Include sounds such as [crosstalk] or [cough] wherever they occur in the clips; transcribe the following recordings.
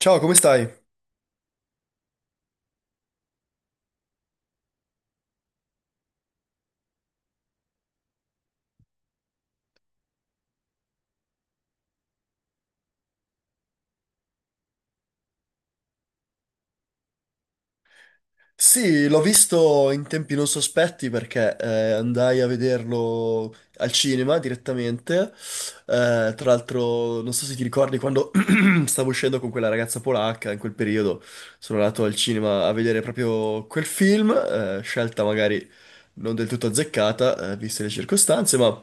Ciao, come stai? Sì, l'ho visto in tempi non sospetti perché andai a vederlo al cinema direttamente. Tra l'altro, non so se ti ricordi quando [clears throat] stavo uscendo con quella ragazza polacca, in quel periodo sono andato al cinema a vedere proprio quel film, scelta magari non del tutto azzeccata, viste le circostanze, ma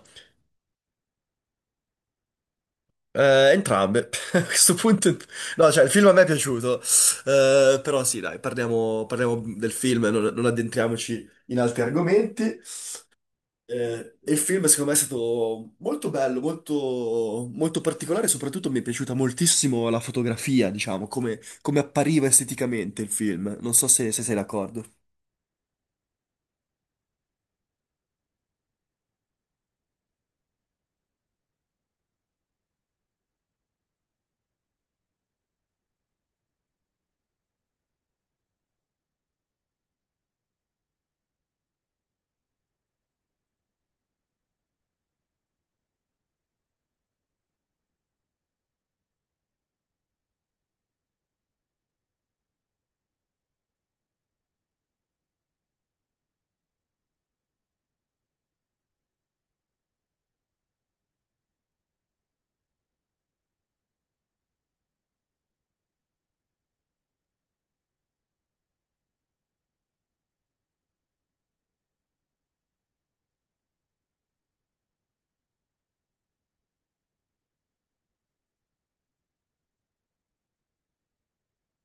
Entrambe. [laughs] A questo punto, no, cioè, il film a me è piaciuto. Però sì, dai, parliamo, parliamo del film, non addentriamoci in altri argomenti. Il film, secondo me, è stato molto bello, molto, molto particolare. Soprattutto mi è piaciuta moltissimo la fotografia, diciamo, come appariva esteticamente il film. Non so se sei d'accordo.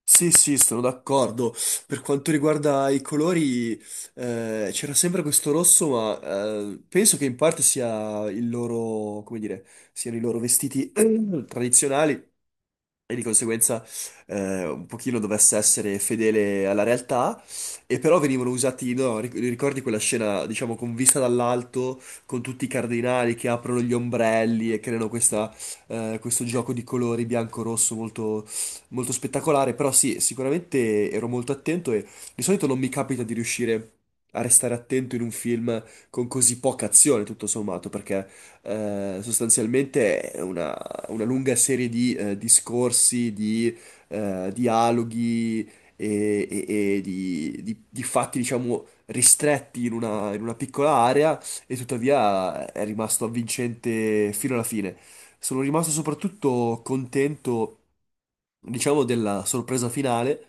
Sì, sì, sono d'accordo. Per quanto riguarda i colori, c'era sempre questo rosso, ma penso che in parte sia il loro, come dire, siano i loro vestiti [clears throat] tradizionali e di conseguenza un pochino dovesse essere fedele alla realtà, e però venivano usati, no, ricordi quella scena, diciamo, con vista dall'alto, con tutti i cardinali che aprono gli ombrelli e creano questa, questo gioco di colori bianco-rosso molto, molto spettacolare. Però sì, sicuramente ero molto attento e di solito non mi capita di riuscire a restare attento in un film con così poca azione, tutto sommato, perché sostanzialmente è una lunga serie di discorsi, di dialoghi e di, di fatti, diciamo, ristretti in in una piccola area, e tuttavia è rimasto avvincente fino alla fine. Sono rimasto soprattutto contento, diciamo, della sorpresa finale,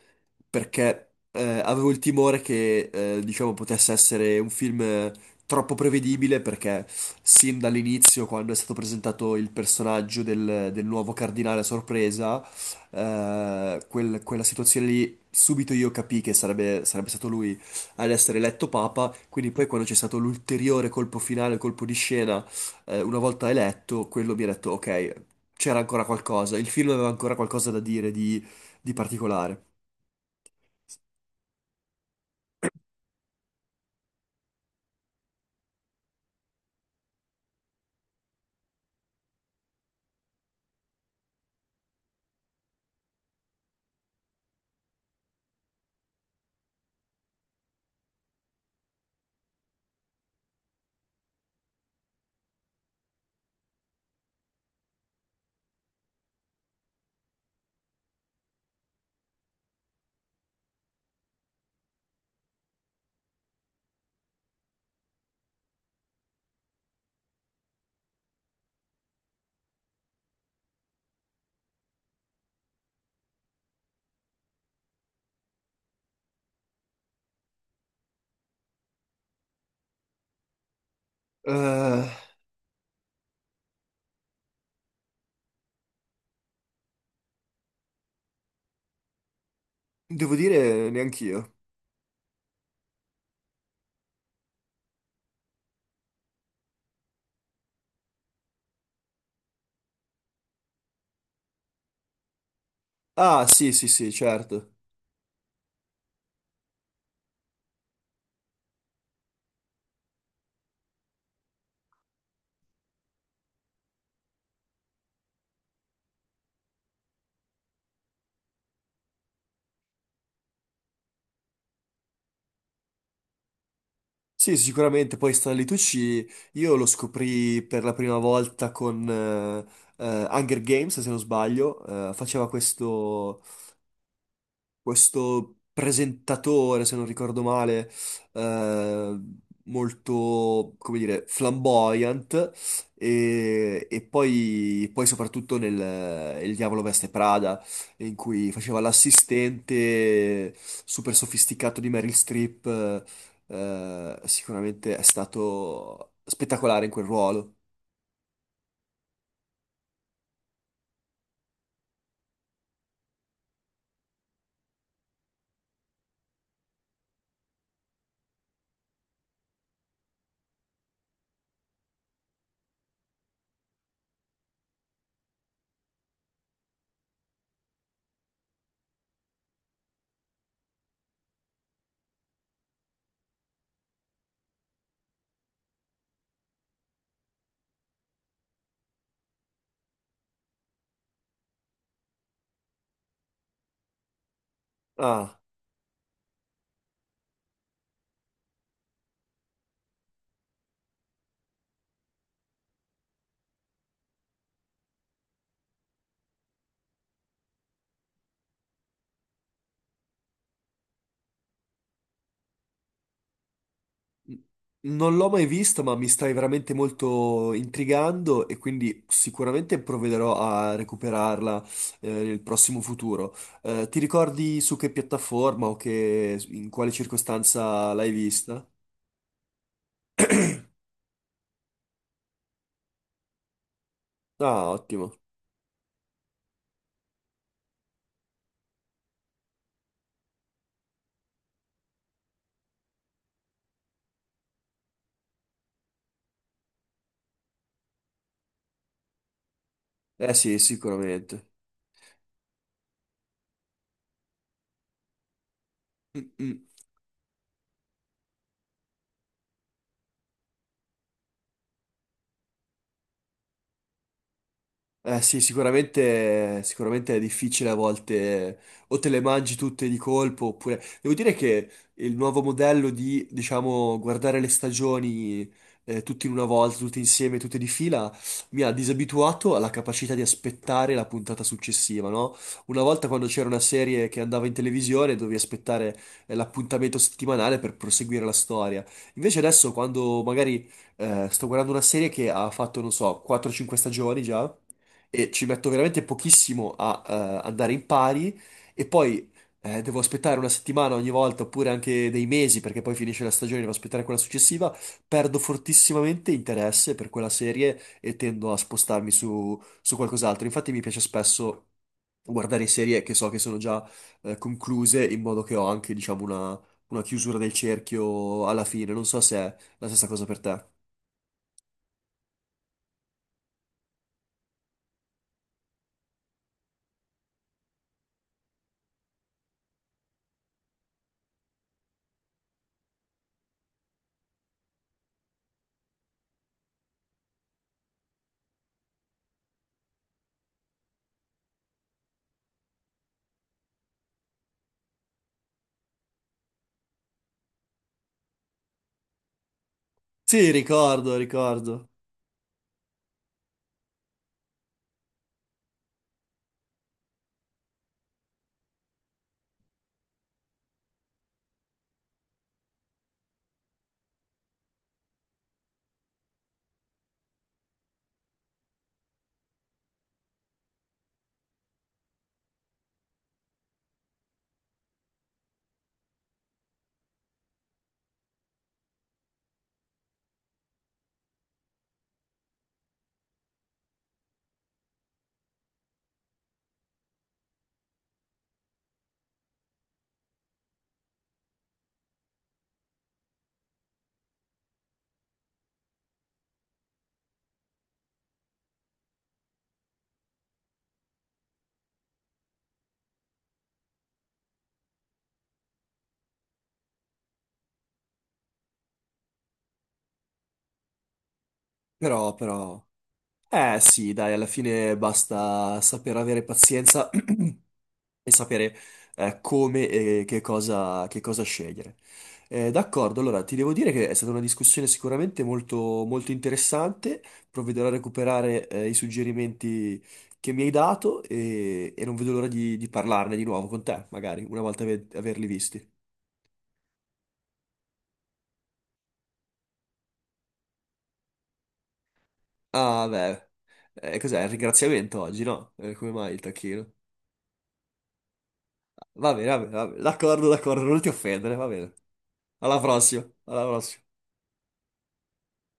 perché avevo il timore che, diciamo, potesse essere un film troppo prevedibile, perché sin dall'inizio, quando è stato presentato il personaggio del nuovo cardinale a sorpresa, quella situazione lì, subito io capii che sarebbe stato lui ad essere eletto papa. Quindi poi quando c'è stato l'ulteriore colpo finale, colpo di scena, una volta eletto, quello mi ha detto, ok, c'era ancora qualcosa, il film aveva ancora qualcosa da dire di particolare. Eh, devo dire, neanch'io. Ah, sì, sì, sì, certo. Sì, sicuramente. Poi Stanley Tucci io lo scoprì per la prima volta con Hunger Games, se non sbaglio. Faceva questo, questo presentatore, se non ricordo male, eh, molto, come dire, flamboyant, e poi, poi soprattutto nel Il diavolo veste Prada, in cui faceva l'assistente super sofisticato di Meryl Streep. Eh, sicuramente è stato spettacolare in quel ruolo. Ah. Non l'ho mai visto, ma mi stai veramente molto intrigando e quindi sicuramente provvederò a recuperarla nel prossimo futuro. Ti ricordi su che piattaforma o che, in quale circostanza l'hai vista? Ah, ottimo. Eh sì, sicuramente. Mm, mm. Eh sì, sicuramente, sicuramente è difficile a volte, o te le mangi tutte di colpo, oppure... Devo dire che il nuovo modello di, diciamo, guardare le stagioni tutte in una volta, tutte insieme, tutte di fila, mi ha disabituato alla capacità di aspettare la puntata successiva, no? Una volta quando c'era una serie che andava in televisione, dovevi aspettare l'appuntamento settimanale per proseguire la storia. Invece adesso, quando magari sto guardando una serie che ha fatto, non so, 4-5 stagioni già, e ci metto veramente pochissimo a andare in pari, e poi devo aspettare una settimana ogni volta, oppure anche dei mesi, perché poi finisce la stagione e devo aspettare quella successiva, perdo fortissimamente interesse per quella serie e tendo a spostarmi su, su qualcos'altro. Infatti mi piace spesso guardare serie che so che sono già concluse, in modo che ho anche, diciamo, una chiusura del cerchio alla fine. Non so se è la stessa cosa per te. Sì, ricordo, ricordo. Però, però... Eh sì, dai, alla fine basta saper avere pazienza [clears throat] e sapere come e che cosa scegliere. D'accordo, allora ti devo dire che è stata una discussione sicuramente molto, molto interessante. Provvederò a recuperare i suggerimenti che mi hai dato, e non vedo l'ora di parlarne di nuovo con te, magari, una volta averli visti. Ah, beh, cos'è? Il ringraziamento oggi, no? Come mai il tacchino? Va bene, va bene, va bene. D'accordo, d'accordo, non ti offendere, va bene. Alla prossima. Alla prossima.